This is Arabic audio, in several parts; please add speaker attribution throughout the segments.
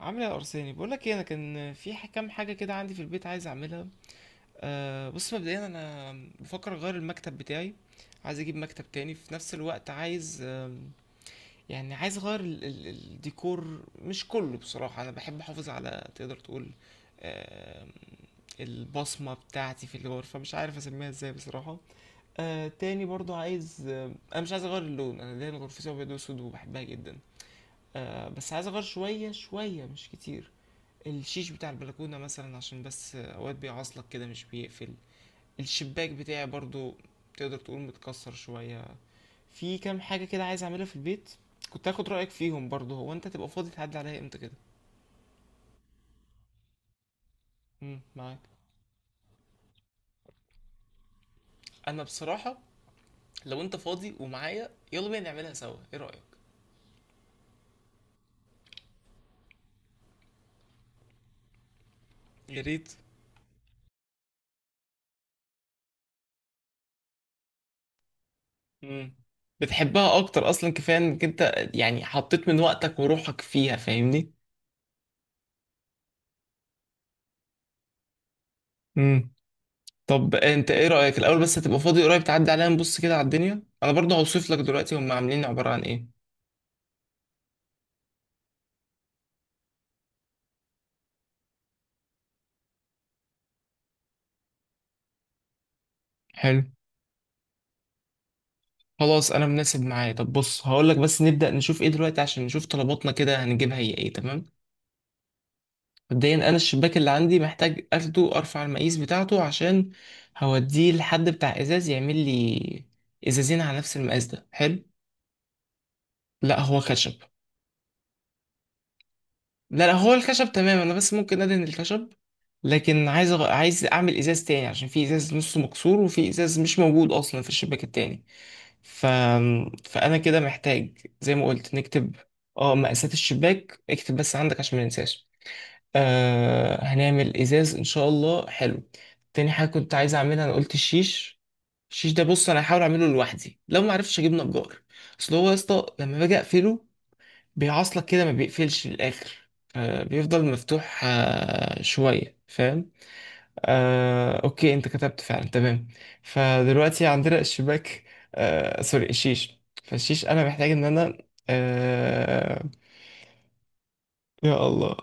Speaker 1: عامل ايه يا ارساني؟ بقول لك ايه، انا كان في كام حاجه كده عندي في البيت عايز اعملها. بص، مبدئيا انا بفكر اغير المكتب بتاعي. عايز اجيب مكتب تاني. في نفس الوقت عايز يعني عايز اغير ال الديكور، مش كله. بصراحه انا بحب احافظ على، تقدر تقول، آم، البصمه بتاعتي في الغرفه. مش عارف اسميها ازاي بصراحه. تاني برضو عايز انا مش عايز اغير اللون. انا ليا غرفتي ابيض واسود وبحبها جدا. بس عايز اغير شويه شويه، مش كتير. الشيش بتاع البلكونة مثلا، عشان بس اوقات بيعاصلك كده مش بيقفل. الشباك بتاعي برضو، تقدر تقول متكسر شوية. في كام حاجة كده عايز اعملها في البيت. كنت هاخد رأيك فيهم برضو. هو انت تبقى فاضي تعدي عليا امتى كده؟ امم، معاك. انا بصراحة، لو انت فاضي ومعايا، يلا بينا نعملها سوا، ايه رأيك؟ يا ريت. امم. بتحبها اكتر اصلا، كفاية انك انت يعني حطيت من وقتك وروحك فيها، فاهمني. طب انت ايه رأيك الاول؟ بس هتبقى فاضي قريب تعدي علينا نبص كده على الدنيا؟ انا برضه هوصف لك دلوقتي هم عاملين عبارة عن ايه. حلو. خلاص انا مناسب معايا. طب بص هقول لك، بس نبدأ نشوف ايه دلوقتي عشان نشوف طلباتنا كده هنجيبها هي ايه. تمام. مبدئيا انا الشباك اللي عندي محتاج اخده ارفع المقاس بتاعته، عشان هوديه لحد بتاع ازاز يعمل لي ازازين على نفس المقاس. ده حلو. لا هو خشب. لا لا، هو الخشب تمام. انا بس ممكن ادهن الخشب، لكن عايز عايز اعمل ازاز تاني عشان في ازاز نصه مكسور وفي ازاز مش موجود اصلا في الشباك التاني. ف... فانا كده محتاج زي ما قلت نكتب. اه، مقاسات الشباك اكتب بس عندك عشان ما ننساش. آه هنعمل ازاز ان شاء الله. حلو. تاني حاجه كنت عايز اعملها انا قلت الشيش. الشيش ده بص، انا هحاول اعمله لوحدي، لو ما عرفتش اجيب نجار. اصل هو يا اسطى لما باجي اقفله بيعاصلك كده، ما بيقفلش للآخر. بيفضل مفتوح شوية، فاهم. أوكي، أنت كتبت فعلا؟ تمام. فدلوقتي عندنا الشباك، سوري الشيش. فالشيش أنا محتاج إن أنا آه، يا الله.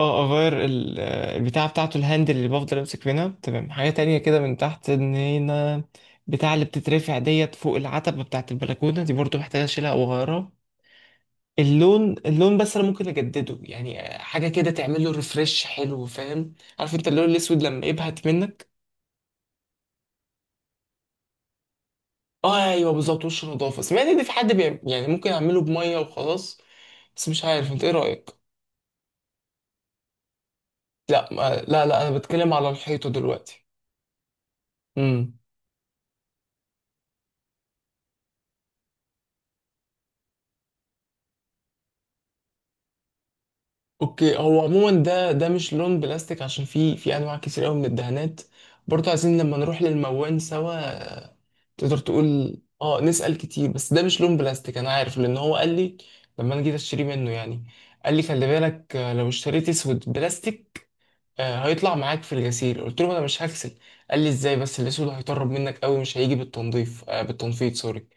Speaker 1: اه، اغير البتاعة بتاعته، الهاندل اللي بفضل امسك منها. تمام. حاجة تانية كده من تحت، ان هنا بتاع اللي بتترفع ديت فوق العتبة بتاعت البلكونة دي برضو محتاج اشيلها واغيرها. اللون، اللون بس انا ممكن اجدده، يعني حاجه كده تعمل له ريفرش حلو، فاهم؟ عارف انت اللون الاسود لما يبهت منك. اه، ايوه بالظبط، وش نضافه. سمعت ان في حد بيعمل يعني، ممكن اعمله بميه وخلاص، بس مش عارف انت ايه رايك. لا لا لا، انا بتكلم على الحيطه دلوقتي. امم. اوكي. هو عموما ده مش لون بلاستيك، عشان في انواع كتير قوي من الدهانات. برضه عايزين لما نروح للموان سوا، تقدر تقول. اه نسأل كتير، بس ده مش لون بلاستيك، انا عارف لان هو قال لي لما انا جيت اشتري منه يعني. قال لي خلي بالك لو اشتريت اسود بلاستيك هيطلع معاك في الغسيل. قلت له انا مش هغسل. قال لي ازاي؟ بس الاسود هيطرب منك قوي مش هيجي بالتنظيف بالتنفيذ، سوري.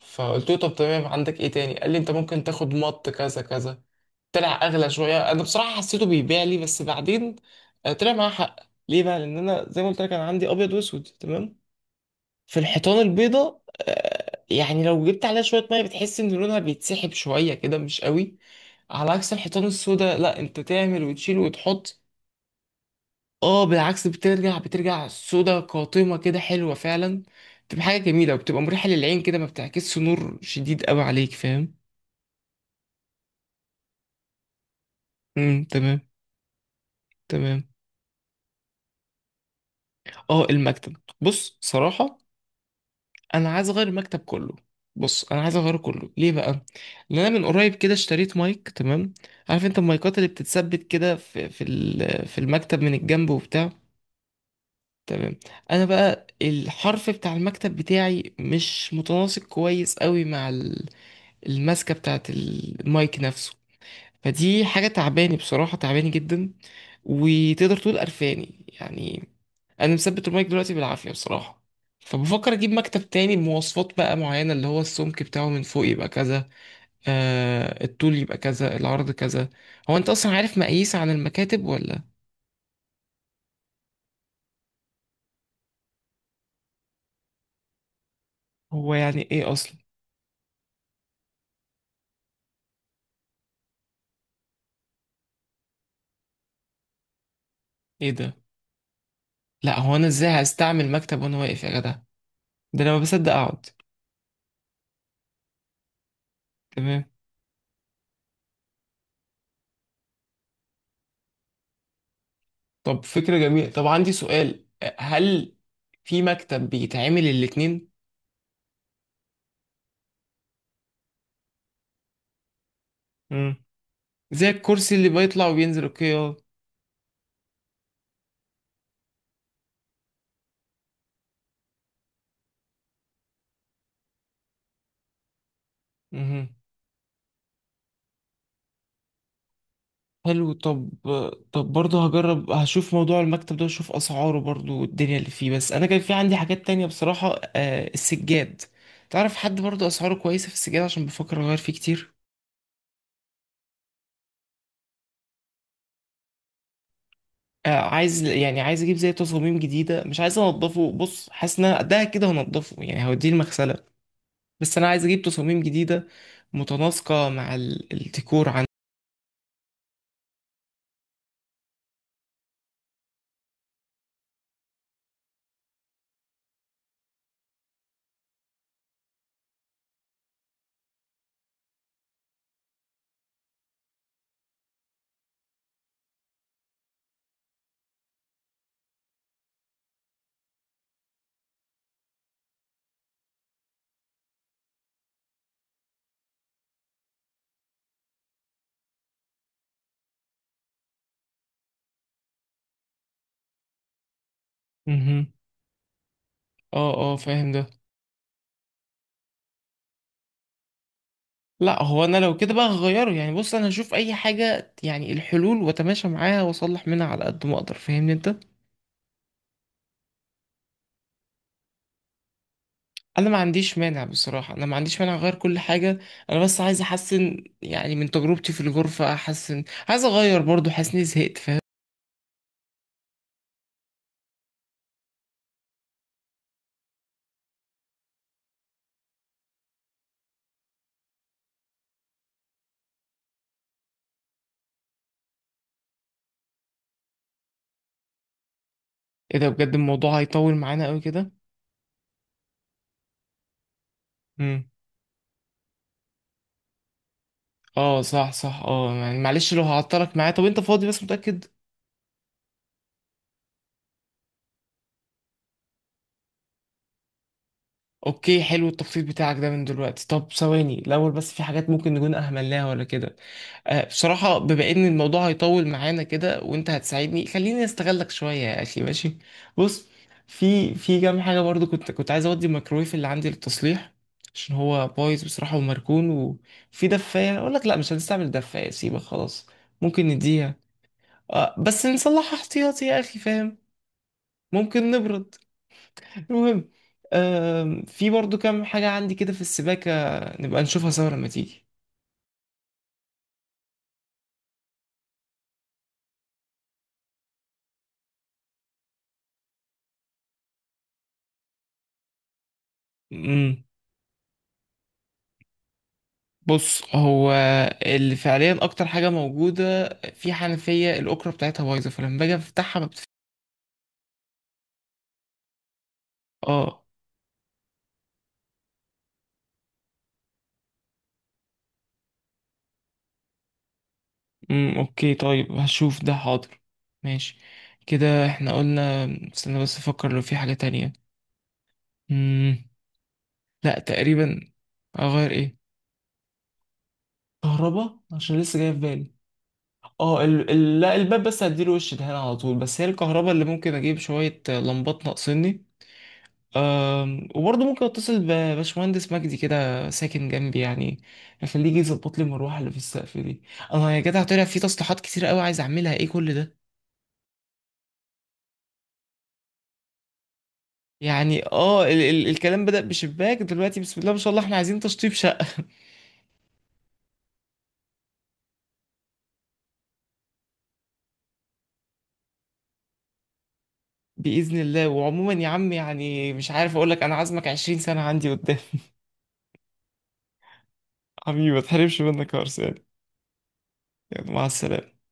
Speaker 1: فقلت له طب تمام، عندك ايه تاني؟ قال لي انت ممكن تاخد مط كذا كذا. طلع اغلى شويه. انا بصراحه حسيته بيبيع لي، بس بعدين طلع معاه حق. ليه بقى؟ لان انا زي ما قلت لك انا عندي ابيض واسود تمام. في الحيطان البيضة يعني لو جبت عليها شوية مية بتحس إن لونها بيتسحب شوية كده، مش قوي. على عكس الحيطان السوداء، لا أنت تعمل وتشيل وتحط. اه بالعكس، بترجع بترجع سودة قاتمة كده، حلوة فعلا. بتبقى حاجة جميلة وبتبقى مريحة للعين كده، ما بتعكسش نور شديد قوي عليك، فاهم. امم، تمام. تمام. اه المكتب، بص صراحة انا عايز اغير المكتب كله. بص انا عايز اغيره كله. ليه بقى؟ لان انا من قريب كده اشتريت مايك تمام. عارف انت المايكات اللي بتتثبت كده في في المكتب من الجنب وبتاع. تمام. انا بقى الحرف بتاع المكتب بتاعي مش متناسق كويس قوي مع الماسكه بتاعت المايك نفسه. فدي حاجة تعباني بصراحة، تعباني جدا، وتقدر تقول قرفاني يعني. أنا مثبت المايك دلوقتي بالعافية بصراحة. فبفكر أجيب مكتب تاني بمواصفات بقى معينة، اللي هو السمك بتاعه من فوق يبقى كذا، آه الطول يبقى كذا، العرض كذا. هو أنت أصلا عارف مقاييس عن المكاتب ولا؟ هو يعني إيه أصلا؟ إيه ده! لا هو أنا إزاي هستعمل مكتب وأنا واقف يا جدع؟ ده أنا ما بصدق أقعد. تمام. طب فكرة جميلة. طب عندي سؤال، هل في مكتب بيتعمل الاتنين؟ مم. زي الكرسي اللي بيطلع وبينزل، اوكي، اه. مهم. حلو. طب، طب برضه هجرب هشوف موضوع المكتب ده واشوف اسعاره برضه والدنيا اللي فيه. بس انا كان في عندي حاجات تانية بصراحة. آه السجاد. تعرف حد برضه اسعاره كويسة في السجاد؟ عشان بفكر اغير فيه كتير. آه عايز، يعني عايز اجيب زي تصاميم جديدة، مش عايز انضفه. بص حاسس ان أنا ده كده هنضفه، يعني هوديه المغسلة، بس انا عايز اجيب تصاميم جديدة متناسقة مع الديكور عندي. مهم. اه اه فاهم ده. لا هو انا لو كده بقى هغيره يعني. بص انا هشوف اي حاجه، يعني الحلول واتماشى معاها واصلح منها على قد ما اقدر، فاهمني انت. انا ما عنديش مانع بصراحه، انا ما عنديش مانع اغير كل حاجه. انا بس عايز احسن، يعني من تجربتي في الغرفه احسن. عايز اغير برضو، حاسس اني زهقت، فاهم. ايه ده بجد، الموضوع هيطول معانا قوي كده. امم. اه صح صح، اه يعني معلش لو هعطلك معايا. طب انت فاضي بس متاكد؟ اوكي حلو التخطيط بتاعك ده من دلوقتي. طب ثواني الاول بس، في حاجات ممكن نكون اهملناها ولا كده؟ بصراحة بما إن الموضوع هيطول معانا كده وأنت هتساعدني، خليني أستغلك شوية يا أخي، ماشي. بص في كام حاجة برضو كنت عايز أودي الميكرويف اللي عندي للتصليح، عشان هو بايظ بصراحة ومركون. وفي دفاية، أقول لك لأ مش هنستعمل دفاية، سيبها خلاص، ممكن نديها. آه بس نصلحها احتياطي يا أخي، فاهم. ممكن نبرد. المهم، آه في برضو كام حاجة عندي كده في السباكة، نبقى نشوفها سوا لما تيجي. بص هو اللي فعليا اكتر حاجه موجوده في حنفيه الاوكرا بتاعتها بايظه، فلما باجي افتحها ما اه. اوكي. طيب هشوف ده، حاضر. ماشي. كده احنا قلنا، استنى بس افكر لو في حاجه تانية. امم. لا تقريبا. اغير ايه؟ كهرباء، عشان لسه جاي في بالي. اه لا الباب بس هديله وش دهان على طول، بس هي الكهرباء اللي ممكن اجيب شويه لمبات ناقصني. وبرضه ممكن اتصل بباشمهندس مجدي كده ساكن جنبي يعني، اخليه يجي يظبط لي المروحه اللي في السقف دي. انا يا جدع طلع في تصليحات كتير قوي عايز اعملها، ايه كل ده! يعني اه ال الكلام بدأ بشباك دلوقتي. بسم الله ما شاء الله، احنا عايزين تشطيب شقه! باذن الله. وعموما يا عم يعني مش عارف اقول لك، انا عازمك 20 سنه عندي قدام. حبيبي ما تحرمش منك يا أرسلان. يعني مع السلامه.